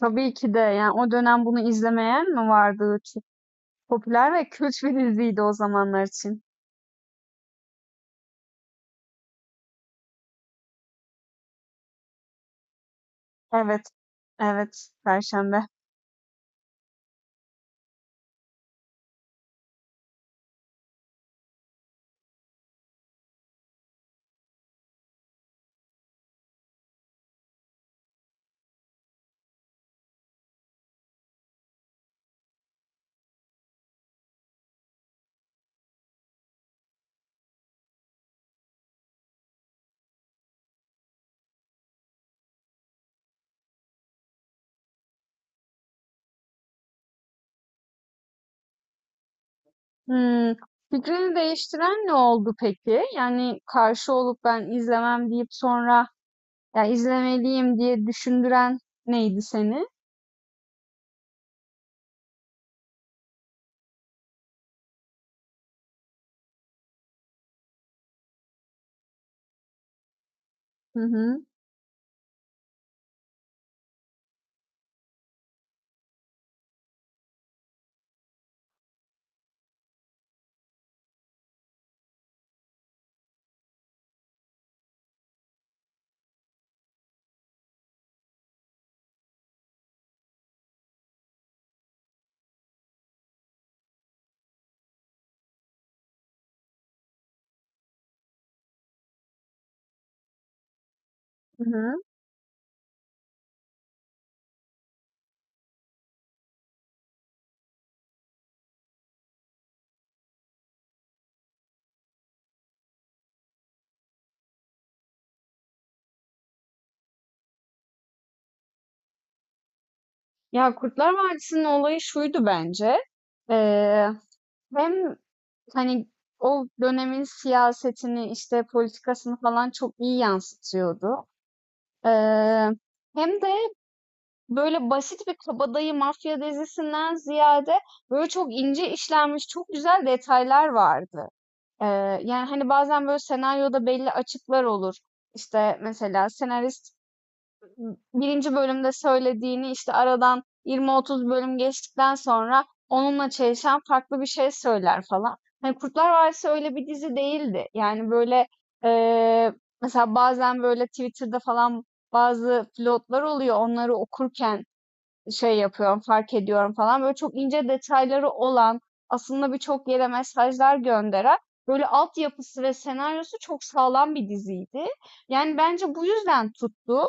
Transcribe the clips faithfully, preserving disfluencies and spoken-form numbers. Tabii ki de yani o dönem bunu izlemeyen mi vardı? Çok popüler ve kült bir diziydi o zamanlar için. Evet, evet, Perşembe. Hmm, Fikrini değiştiren ne oldu peki? Yani karşı olup ben izlemem deyip sonra ya izlemeliyim diye düşündüren neydi seni? Hı hı, hı hı. Ya Kurtlar Vadisi'nin olayı şuydu bence. Ee, Hem hani o dönemin siyasetini işte politikasını falan çok iyi yansıtıyordu. Eee, Hem de böyle basit bir kabadayı mafya dizisinden ziyade böyle çok ince işlenmiş çok güzel detaylar vardı. Eee, yani hani bazen böyle senaryoda belli açıklar olur. İşte mesela senarist birinci bölümde söylediğini işte aradan yirmi otuz bölüm geçtikten sonra onunla çelişen farklı bir şey söyler falan. Hani Kurtlar Vadisi öyle bir dizi değildi. Yani böyle eee, mesela bazen böyle Twitter'da falan bazı pilotlar oluyor. Onları okurken şey yapıyorum, fark ediyorum falan. Böyle çok ince detayları olan, aslında birçok yere mesajlar gönderen, böyle altyapısı ve senaryosu çok sağlam bir diziydi. Yani bence bu yüzden tuttu.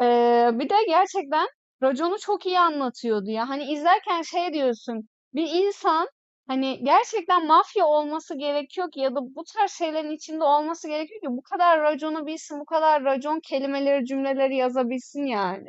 Ee, bir de gerçekten raconu çok iyi anlatıyordu ya. Hani izlerken şey diyorsun, bir insan hani gerçekten mafya olması gerekiyor ki ya da bu tarz şeylerin içinde olması gerekiyor ki bu kadar raconu bilsin, bu kadar racon kelimeleri, cümleleri yazabilsin yani.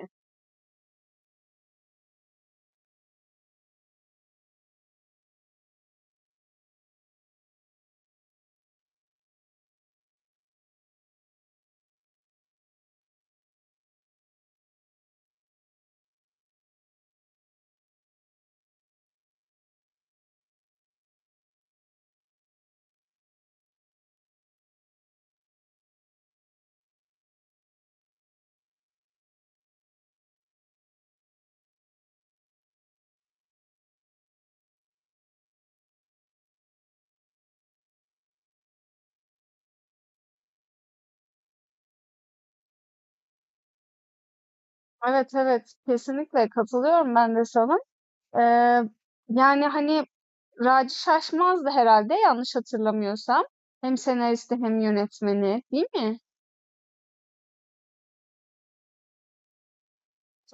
Evet, evet. Kesinlikle katılıyorum ben de sana. Eee, Yani hani Raci Şaşmaz'dı herhalde yanlış hatırlamıyorsam. Hem senaristi hem yönetmeni değil mi?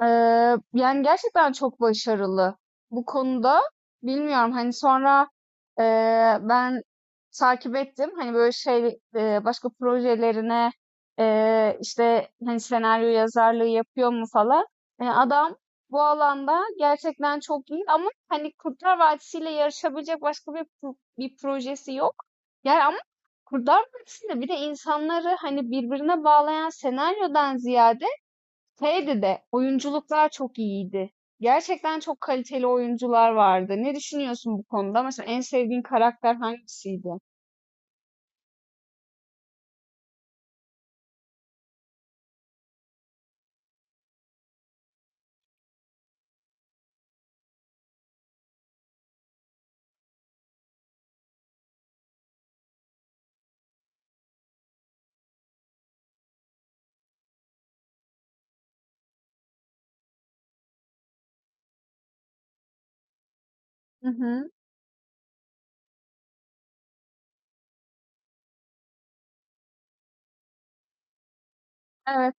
Eee, yani gerçekten çok başarılı bu konuda. Bilmiyorum hani sonra eee, ben takip ettim. Hani böyle şey eee, başka projelerine eee, işte hani senaryo yazarlığı yapıyor mu falan. Yani adam bu alanda gerçekten çok iyi ama hani Kurtlar Vadisi'yle yarışabilecek başka bir pro- bir projesi yok. Yani ama Kurtlar Vadisi'nde bir de insanları hani birbirine bağlayan senaryodan ziyade şeydi de oyunculuklar çok iyiydi. Gerçekten çok kaliteli oyuncular vardı. Ne düşünüyorsun bu konuda? Mesela en sevdiğin karakter hangisiydi? Hı hı. Evet,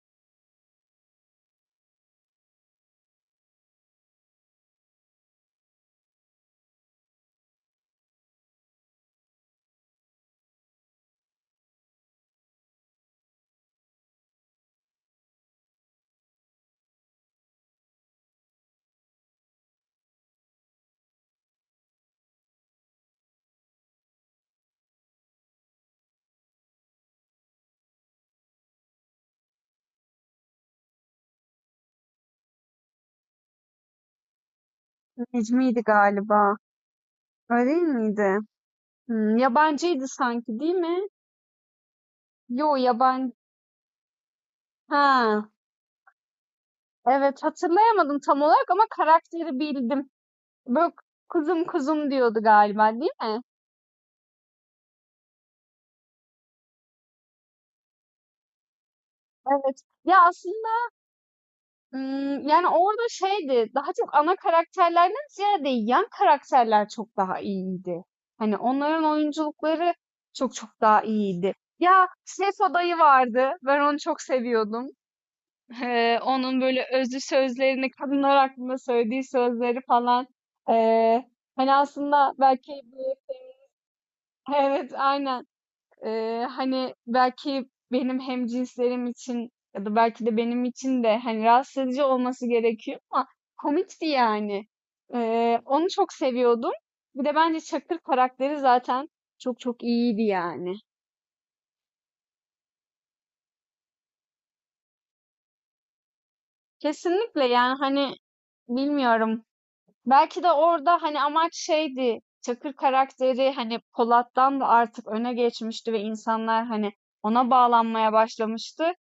Necmi'ydi galiba. Öyle değil miydi? Hmm, yabancıydı sanki, değil mi? Yo, yabancı. Ha, evet hatırlayamadım tam olarak ama karakteri bildim. Böyle kuzum kuzum diyordu galiba, değil mi? Evet. Ya aslında Imm, yani, orada şeydi, daha çok ana karakterlerden ziyade yan karakterler çok daha iyiydi. Hani, onların oyunculukları çok çok daha iyiydi. Ya, Seso dayı vardı. Ben onu çok seviyordum. Eee, onun böyle özlü sözlerini, kadınlar hakkında söylediği sözleri falan. Eee, Hani, aslında belki bir evet, aynen. Eee, hani, belki benim hem cinslerim için ya da belki de benim için de, hani, rahatsız edici olması gerekiyor ama komikti yani. Eee, onu çok seviyordum. Bir de bence Çakır karakteri zaten çok çok iyiydi yani. Kesinlikle yani, hani, bilmiyorum. Belki de orada, hani, amaç şeydi, Çakır karakteri, hani, Polat'tan da artık öne geçmişti ve insanlar, hani, ona bağlanmaya başlamıştı.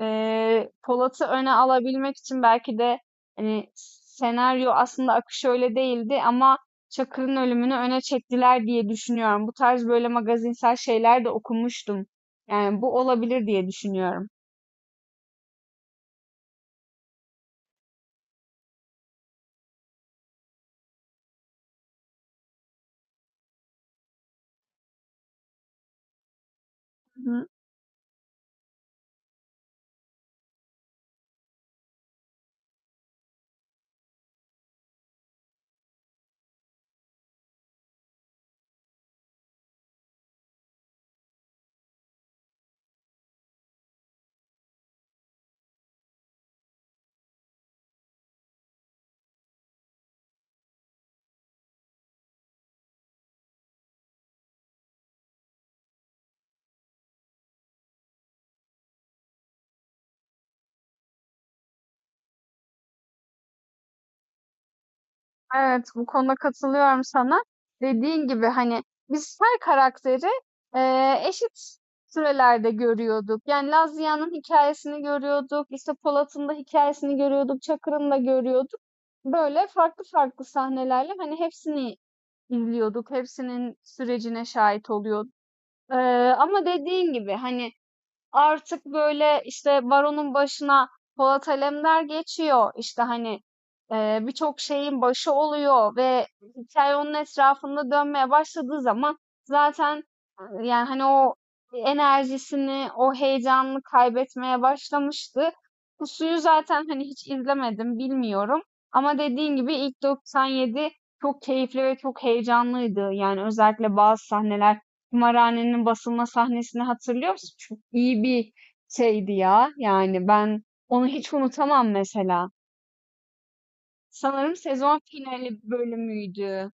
Eee, Polat'ı öne alabilmek için belki de, hani, senaryo aslında akışı öyle değildi ama Çakır'ın ölümünü öne çektiler diye düşünüyorum. Bu tarz böyle magazinsel şeyler de okumuştum. Yani, bu olabilir diye düşünüyorum. Hı, evet, bu konuda katılıyorum sana. Dediğin gibi hani biz her karakteri eee, eşit sürelerde görüyorduk. Yani Laz Ziya'nın hikayesini görüyorduk, işte Polat'ın da hikayesini görüyorduk, Çakır'ın da görüyorduk. Böyle farklı farklı sahnelerle hani hepsini izliyorduk, hepsinin sürecine şahit oluyorduk. Eee, Ama dediğin gibi hani artık böyle işte Baron'un başına Polat Alemdar geçiyor. İşte hani eee, birçok şeyin başı oluyor ve hikaye onun etrafında dönmeye başladığı zaman zaten e, yani hani o enerjisini, o heyecanını kaybetmeye başlamıştı. Pusuyu zaten hani hiç izlemedim, bilmiyorum. Ama dediğin gibi ilk doksan yedi çok keyifli ve çok heyecanlıydı. Yani özellikle bazı sahneler Kumarhanenin basılma sahnesini hatırlıyor musun? Çok iyi bir şeydi ya. Yani ben onu hiç unutamam mesela. Sanırım sezon finali bölümüydü.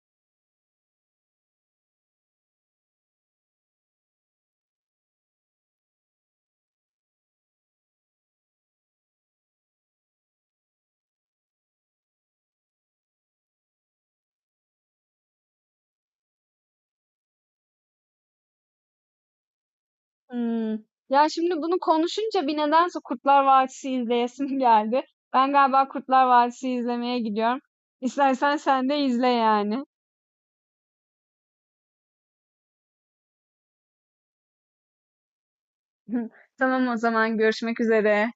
Hmm. Ya şimdi bunu konuşunca bir nedense Kurtlar Vadisi izleyesim geldi. Ben galiba Kurtlar Vadisi izlemeye gidiyorum. İstersen sen de izle yani. Tamam o zaman görüşmek üzere.